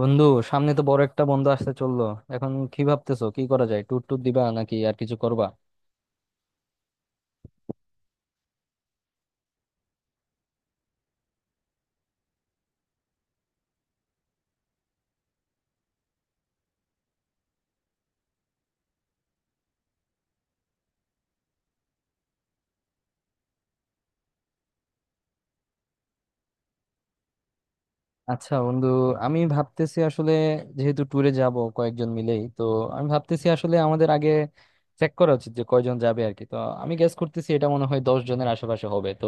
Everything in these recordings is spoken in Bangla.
বন্ধু, সামনে তো বড় একটা বন্ধ আসতে চললো। এখন কি ভাবতেছো, কি করা যায়? ট্যুর ট্যুর দিবা নাকি আর কিছু করবা? আচ্ছা বন্ধু, আমি ভাবতেছি আসলে যেহেতু ট্যুরে যাব কয়েকজন মিলেই তো, আমি ভাবতেছি আসলে আমাদের আগে চেক করা উচিত যে কয়জন যাবে আর কি। তো আমি গেস করতেছি এটা মনে হয় 10 জনের আশেপাশে হবে। তো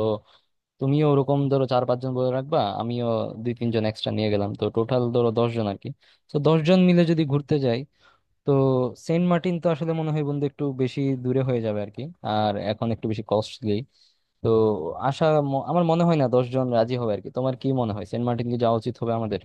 তুমিও ওরকম ধরো চার পাঁচজন বলে রাখবা, আমিও দুই তিনজন এক্সট্রা নিয়ে গেলাম, তো টোটাল ধরো 10 জন আর কি। তো দশ জন মিলে যদি ঘুরতে যাই, তো সেন্ট মার্টিন তো আসলে মনে হয় বন্ধু একটু বেশি দূরে হয়ে যাবে আর কি। আর এখন একটু বেশি কস্টলি। তো আশা, আমার মনে হয় না 10 জন রাজি হবে আর কি। তোমার কি মনে হয় সেন্ট মার্টিন কি যাওয়া উচিত হবে আমাদের?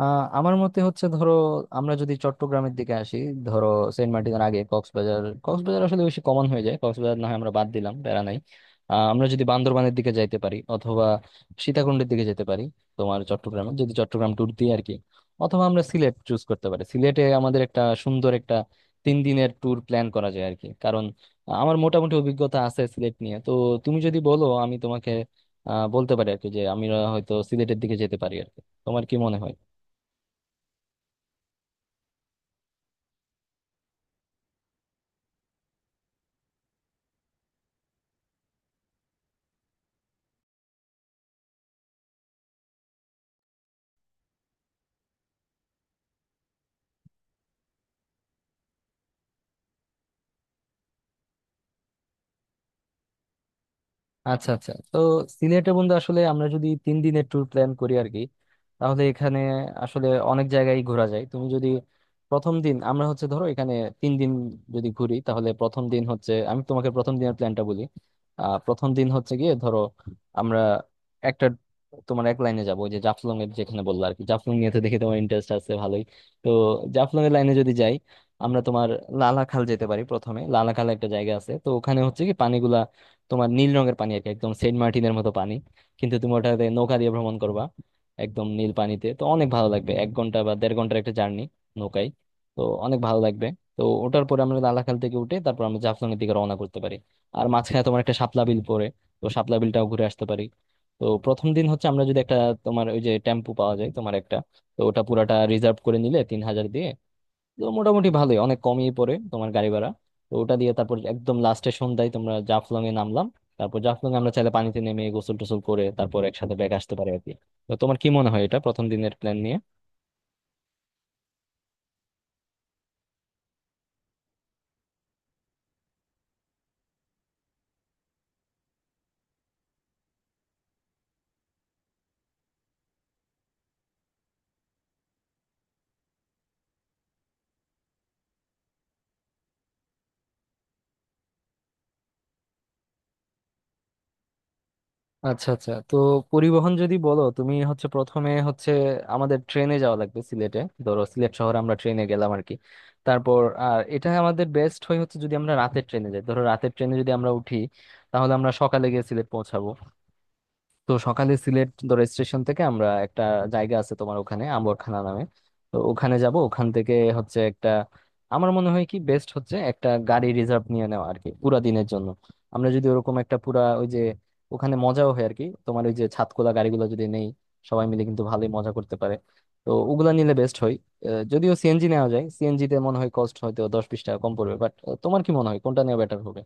আমার মতে হচ্ছে ধরো আমরা যদি চট্টগ্রামের দিকে আসি, ধরো সেন্ট মার্টিনের আগে কক্সবাজার, কক্সবাজার আসলে বেশি কমন হয়ে যায়। কক্সবাজার না হয় আমরা বাদ দিলাম, প্যারা নাই। আমরা যদি বান্দরবানের দিকে যাইতে পারি, অথবা সীতাকুণ্ডের দিকে যেতে পারি, তোমার চট্টগ্রামে যদি চট্টগ্রাম ট্যুর দিই আর কি। অথবা আমরা সিলেট চুজ করতে পারি। সিলেটে আমাদের একটা সুন্দর একটা 3 দিনের ট্যুর প্ল্যান করা যায় আর কি, কারণ আমার মোটামুটি অভিজ্ঞতা আছে সিলেট নিয়ে। তো তুমি যদি বলো আমি তোমাকে বলতে পারি আর কি যে আমরা হয়তো সিলেটের দিকে যেতে পারি আর কি। তোমার কি মনে হয়? আচ্ছা আচ্ছা, তো সিলেটে বন্ধু আসলে আমরা যদি 3 দিনের ট্যুর প্ল্যান করি আর কি, তাহলে এখানে আসলে অনেক জায়গায় ঘোরা যায়। তুমি যদি প্রথম দিন আমরা হচ্ছে ধরো এখানে 3 দিন যদি ঘুরি, তাহলে প্রথম দিন হচ্ছে, আমি তোমাকে প্রথম দিনের প্ল্যানটা বলি। প্রথম দিন হচ্ছে গিয়ে ধরো আমরা একটা তোমার এক লাইনে যাবো, ওই যে জাফলং এর যেখানে বললো আর কি। জাফলং নিয়ে তো দেখি তোমার ইন্টারেস্ট আছে ভালোই। তো জাফলং এর লাইনে যদি যাই আমরা তোমার লালাখাল যেতে পারি প্রথমে। লালাখাল একটা জায়গা আছে, তো ওখানে হচ্ছে কি পানিগুলা তোমার নীল রঙের পানি আর কি, একদম সেন্ট মার্টিনের মতো পানি। কিন্তু তুমি ওটাতে নৌকা দিয়ে ভ্রমণ করবা একদম নীল পানিতে, তো অনেক ভালো লাগবে। 1 ঘন্টা বা 1.5 ঘন্টার একটা জার্নি নৌকায়, তো অনেক ভালো লাগবে। তো ওটার পরে আমরা লালাখাল থেকে উঠে তারপর আমরা জাফলং এর দিকে রওনা করতে পারি। আর মাঝখানে তোমার একটা শাপলা বিল পড়ে, তো শাপলা বিলটাও ঘুরে আসতে পারি। তো প্রথম দিন হচ্ছে আমরা যদি একটা তোমার ওই যে টেম্পু পাওয়া যায় তোমার একটা, তো ওটা পুরাটা রিজার্ভ করে নিলে 3,000 দিয়ে, তো মোটামুটি ভালোই, অনেক কমই পড়ে তোমার গাড়ি ভাড়া। তো ওটা দিয়ে তারপর একদম লাস্টে সন্ধ্যায় তোমরা জাফলং এ নামলাম। তারপর জাফলং এ আমরা চাইলে পানিতে নেমে গোসল টোসল করে তারপর একসাথে ব্যাক আসতে পারি আর কি। তো তোমার কি মনে হয় এটা প্রথম দিনের প্ল্যান নিয়ে? আচ্ছা আচ্ছা, তো পরিবহন যদি বলো, তুমি হচ্ছে প্রথমে হচ্ছে আমাদের ট্রেনে যাওয়া লাগবে সিলেটে। ধরো সিলেট শহরে আমরা ট্রেনে গেলাম আর কি। তারপর আর এটা আমাদের বেস্ট হয় হচ্ছে যদি আমরা রাতের ট্রেনে যাই। ধরো রাতের ট্রেনে যদি আমরা উঠি, তাহলে আমরা সকালে গিয়ে সিলেট পৌঁছাবো। তো সকালে সিলেট ধরো স্টেশন থেকে আমরা একটা জায়গা আছে তোমার ওখানে আম্বরখানা নামে, তো ওখানে যাব। ওখান থেকে হচ্ছে একটা, আমার মনে হয় কি বেস্ট হচ্ছে একটা গাড়ি রিজার্ভ নিয়ে নেওয়া আর কি, পুরা দিনের জন্য। আমরা যদি ওরকম একটা পুরা ওই যে ওখানে মজাও হয় আর কি, তোমার ওই যে ছাদখোলা গাড়িগুলো যদি নেই, সবাই মিলে কিন্তু ভালোই মজা করতে পারে। তো ওগুলা নিলে বেস্ট হয়। যদিও সিএনজি নেওয়া যায়, সিএনজি তে মনে হয় কস্ট হয়তো 10-20 টাকা কম পড়বে, বাট তোমার কি মনে হয় কোনটা নেওয়া বেটার হবে?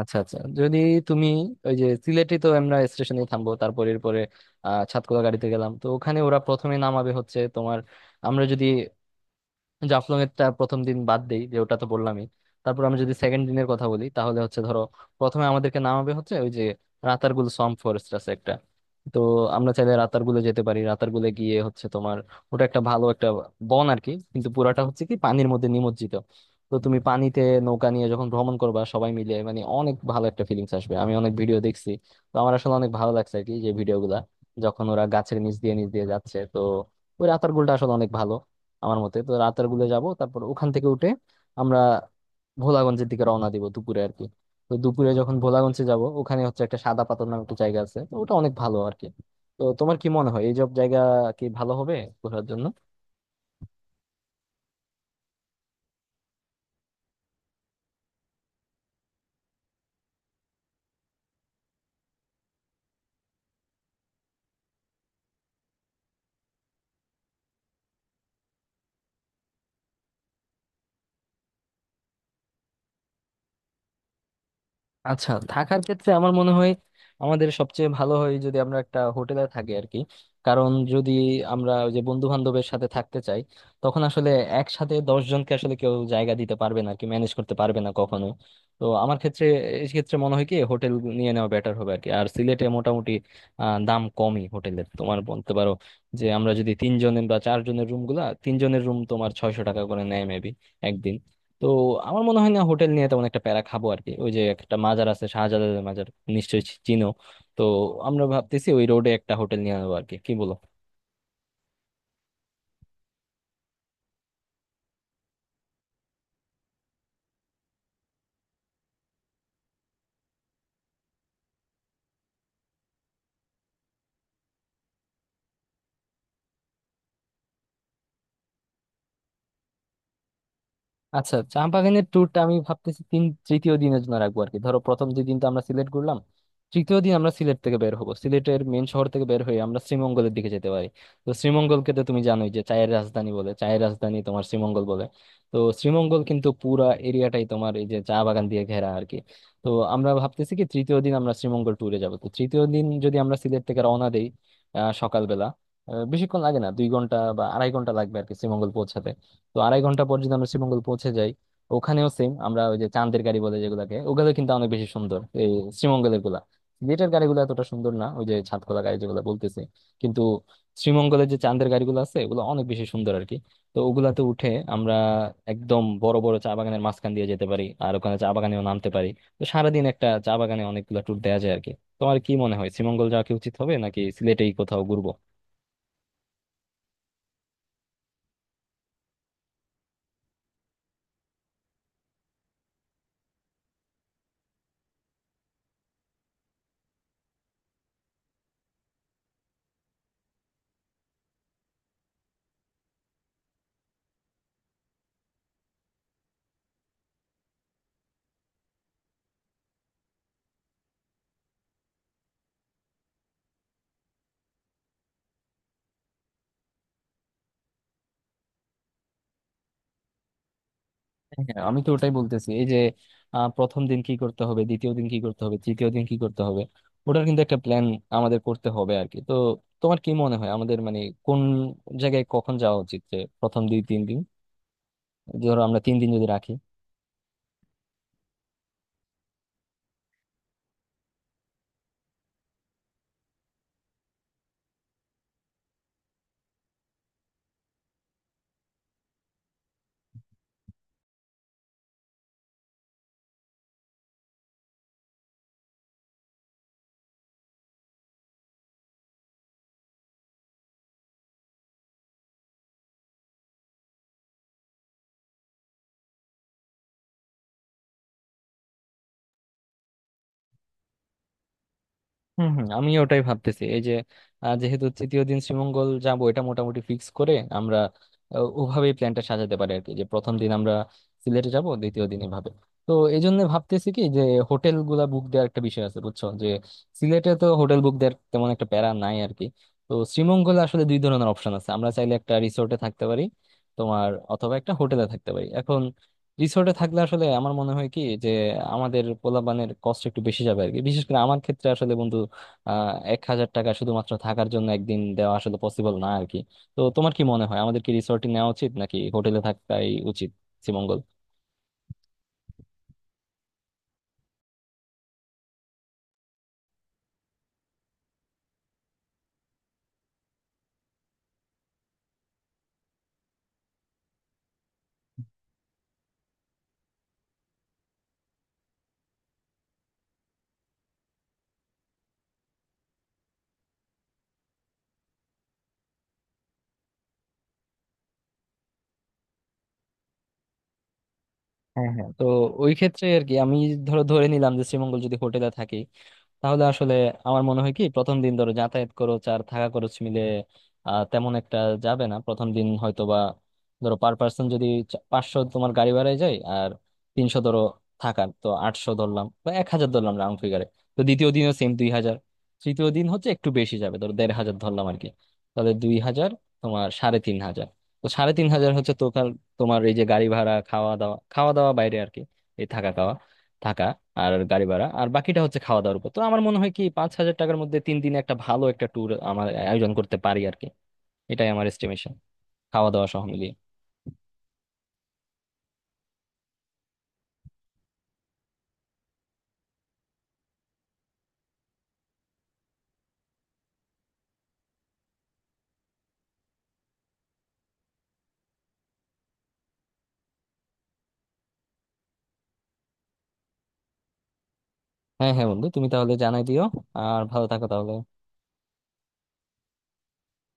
আচ্ছা আচ্ছা, যদি তুমি ওই যে সিলেটে তো আমরা স্টেশনে থামবো, তারপর এরপরে সাতকলা গাড়িতে গেলাম, তো ওখানে ওরা প্রথমে নামাবে হচ্ছে তোমার, আমরা যদি জাফলং এরটা প্রথম দিন বাদ দেই যে ওটা তো বললামই। তারপর আমি যদি সেকেন্ড দিনের কথা বলি, তাহলে হচ্ছে ধরো প্রথমে আমাদেরকে নামাবে হচ্ছে ওই যে রাতারগুল সোয়াম্প ফরেস্ট আছে একটা। তো আমরা চাইলে রাতারগুলে যেতে পারি। রাতারগুলে গিয়ে হচ্ছে তোমার ওটা একটা ভালো একটা বন আর কি, কিন্তু পুরাটা হচ্ছে কি পানির মধ্যে নিমজ্জিত। তো তুমি পানিতে নৌকা নিয়ে যখন ভ্রমণ করবা সবাই মিলে মানে অনেক ভালো একটা ফিলিংস আসবে। আমি অনেক ভিডিও দেখছি, তো আমার আসলে অনেক ভালো লাগছে আর কি যে ভিডিওগুলা যখন ওরা গাছের নিচ দিয়ে নিচ দিয়ে যাচ্ছে। তো ওই রাতারগুলটা আসলে অনেক ভালো আমার মতে। তো রাতের গুলে যাব, তারপর ওখান থেকে উঠে আমরা ভোলাগঞ্জের দিকে রওনা দিব দুপুরে আর কি। তো দুপুরে যখন ভোলাগঞ্জে যাব, ওখানে হচ্ছে একটা সাদা পাথর নামে একটা জায়গা আছে, তো ওটা অনেক ভালো আর কি। তো তোমার কি মনে হয় এই সব জায়গা কি ভালো হবে ঘোরার জন্য? আচ্ছা, থাকার ক্ষেত্রে আমার মনে হয় আমাদের সবচেয়ে ভালো হয় যদি আমরা একটা হোটেলে থাকি আর কি। কারণ যদি আমরা ওই যে বন্ধু বান্ধবের সাথে থাকতে চাই, তখন আসলে একসাথে দশ জনকে আসলে কেউ জায়গা দিতে পারবে না আর কি, ম্যানেজ করতে পারবে না কখনো। তো আমার ক্ষেত্রে এই ক্ষেত্রে মনে হয় কি হোটেল নিয়ে নেওয়া বেটার হবে আর কি। আর সিলেটে মোটামুটি দাম কমই হোটেলের, তোমার বলতে পারো যে আমরা যদি তিনজনের বা চারজনের রুম গুলা তিনজনের রুম তোমার 600 টাকা করে নেয় মেবি একদিন। তো আমার মনে হয় না হোটেল নিয়ে তেমন একটা প্যারা খাবো আর কি। ওই যে একটা মাজার আছে শাহজালালের মাজার, নিশ্চয়ই চিনো। তো আমরা ভাবতেছি ওই রোডে একটা হোটেল নিয়ে নেবো আর কি, কি বলো? আচ্ছা, চা বাগানের ট্যুরটা আমি ভাবতেছি তৃতীয় দিনের জন্য রাখবো আর কি। ধরো প্রথম যে দিনটা আমরা সিলেট করলাম, তৃতীয় দিন আমরা সিলেট থেকে বের হবো। সিলেটের মেন শহর থেকে বের হয়ে আমরা শ্রীমঙ্গলের দিকে যেতে পারি। তো শ্রীমঙ্গলকে তো তুমি জানোই যে চায়ের রাজধানী বলে, চায়ের রাজধানী তোমার শ্রীমঙ্গল বলে। তো শ্রীমঙ্গল কিন্তু পুরা এরিয়াটাই তোমার এই যে চা বাগান দিয়ে ঘেরা আর কি। তো আমরা ভাবতেছি কি তৃতীয় দিন আমরা শ্রীমঙ্গল ট্যুরে যাবো। তো তৃতীয় দিন যদি আমরা সিলেট থেকে রওনা দেই সকালবেলা, বেশিক্ষণ লাগে না, 2 ঘন্টা বা 2.5 ঘন্টা লাগবে আর কি শ্রীমঙ্গল পৌঁছাতে। তো 2.5 ঘন্টা পর যদি আমরা শ্রীমঙ্গল পৌঁছে যাই, ওখানেও সেম আমরা ওই যে চাঁদের গাড়ি বলে যেগুলাকে, ওগুলো কিন্তু অনেক বেশি সুন্দর এই শ্রীমঙ্গলের গুলা। সিলেটের গাড়িগুলো এতটা সুন্দর না, ওই যে ছাদ খোলা গাড়ি যেগুলো বলতেছি। কিন্তু শ্রীমঙ্গলের যে চাঁদের গাড়িগুলো আছে ওগুলো অনেক বেশি সুন্দর আর কি। তো ওগুলাতে উঠে আমরা একদম বড় বড় চা বাগানের মাঝখান দিয়ে যেতে পারি, আর ওখানে চা বাগানেও নামতে পারি। তো সারাদিন একটা চা বাগানে অনেকগুলো ট্যুর দেওয়া যায় আর কি। তোমার কি মনে হয় শ্রীমঙ্গল যাওয়া কি উচিত হবে নাকি সিলেটেই কোথাও ঘুরবো? হ্যাঁ, আমি তো ওটাই বলতেছি, এই যে প্রথম দিন কি করতে হবে, দ্বিতীয় দিন কি করতে হবে, তৃতীয় দিন কি করতে হবে, ওটার কিন্তু একটা প্ল্যান আমাদের করতে হবে আর কি। তো তোমার কি মনে হয় আমাদের মানে কোন জায়গায় কখন যাওয়া উচিত, যে প্রথম 2-3 দিন, ধরো আমরা 3 দিন যদি রাখি? হম হম আমি ওটাই ভাবতেছি, এই যে যেহেতু তৃতীয় দিন শ্রীমঙ্গল যাব এটা মোটামুটি ফিক্স করে আমরা ওভাবেই প্ল্যানটা সাজাতে পারি আর কি, যে প্রথম দিন আমরা সিলেটে যাব, দ্বিতীয় দিন এভাবে। তো এই জন্য ভাবতেছি কি যে হোটেল গুলা বুক দেওয়ার একটা বিষয় আছে, বুঝছো? যে সিলেটে তো হোটেল বুক দেওয়ার তেমন একটা প্যারা নাই আর কি। তো শ্রীমঙ্গলে আসলে দুই ধরনের অপশন আছে, আমরা চাইলে একটা রিসোর্টে থাকতে পারি তোমার, অথবা একটা হোটেলে থাকতে পারি। এখন রিসোর্টে থাকলে আসলে আমার মনে হয় কি যে আমাদের পোলাপানের কষ্ট একটু বেশি যাবে আর কি, বিশেষ করে আমার ক্ষেত্রে আসলে বন্ধু 1,000 টাকা শুধুমাত্র থাকার জন্য একদিন দেওয়া আসলে পসিবল না আর কি। তো তোমার কি মনে হয় আমাদের কি রিসোর্টে নেওয়া উচিত নাকি হোটেলে থাকাই উচিত শ্রীমঙ্গল? হ্যাঁ হ্যাঁ, তো ওই ক্ষেত্রে আর কি আমি ধরো ধরে নিলাম যে শ্রীমঙ্গল যদি হোটেলে থাকি, তাহলে আসলে আমার মনে হয় কি প্রথম দিন ধরো যাতায়াত খরচ আর থাকা খরচ মিলে তেমন একটা যাবে না। প্রথম দিন হয়তো বা ধরো পার পার্সন যদি 500 তোমার গাড়ি ভাড়ায় যায়, আর 300 ধরো থাকার, তো 800 ধরলাম বা 1,000 ধরলাম রাউন্ড ফিগারে। তো দ্বিতীয় দিনও সেম 2,000। তৃতীয় দিন হচ্ছে একটু বেশি যাবে, ধরো 1,500 ধরলাম আর কি। তাহলে 2,000, তোমার 3,500। তো 3,500 হচ্ছে তোমার, তোমার এই যে গাড়ি ভাড়া, খাওয়া দাওয়া, খাওয়া দাওয়া বাইরে আর কি, এই থাকা খাওয়া, থাকা আর গাড়ি ভাড়া, আর বাকিটা হচ্ছে খাওয়া দাওয়ার উপর। তো আমার মনে হয় কি 5,000 টাকার মধ্যে 3 দিনে একটা ভালো একটা ট্যুর আমার আয়োজন করতে পারি আর কি। এটাই আমার এস্টিমেশন, খাওয়া দাওয়া সহ মিলিয়ে। হ্যাঁ হ্যাঁ বন্ধু, তুমি তাহলে জানাই দিও। আর ভালো থাকো তাহলে।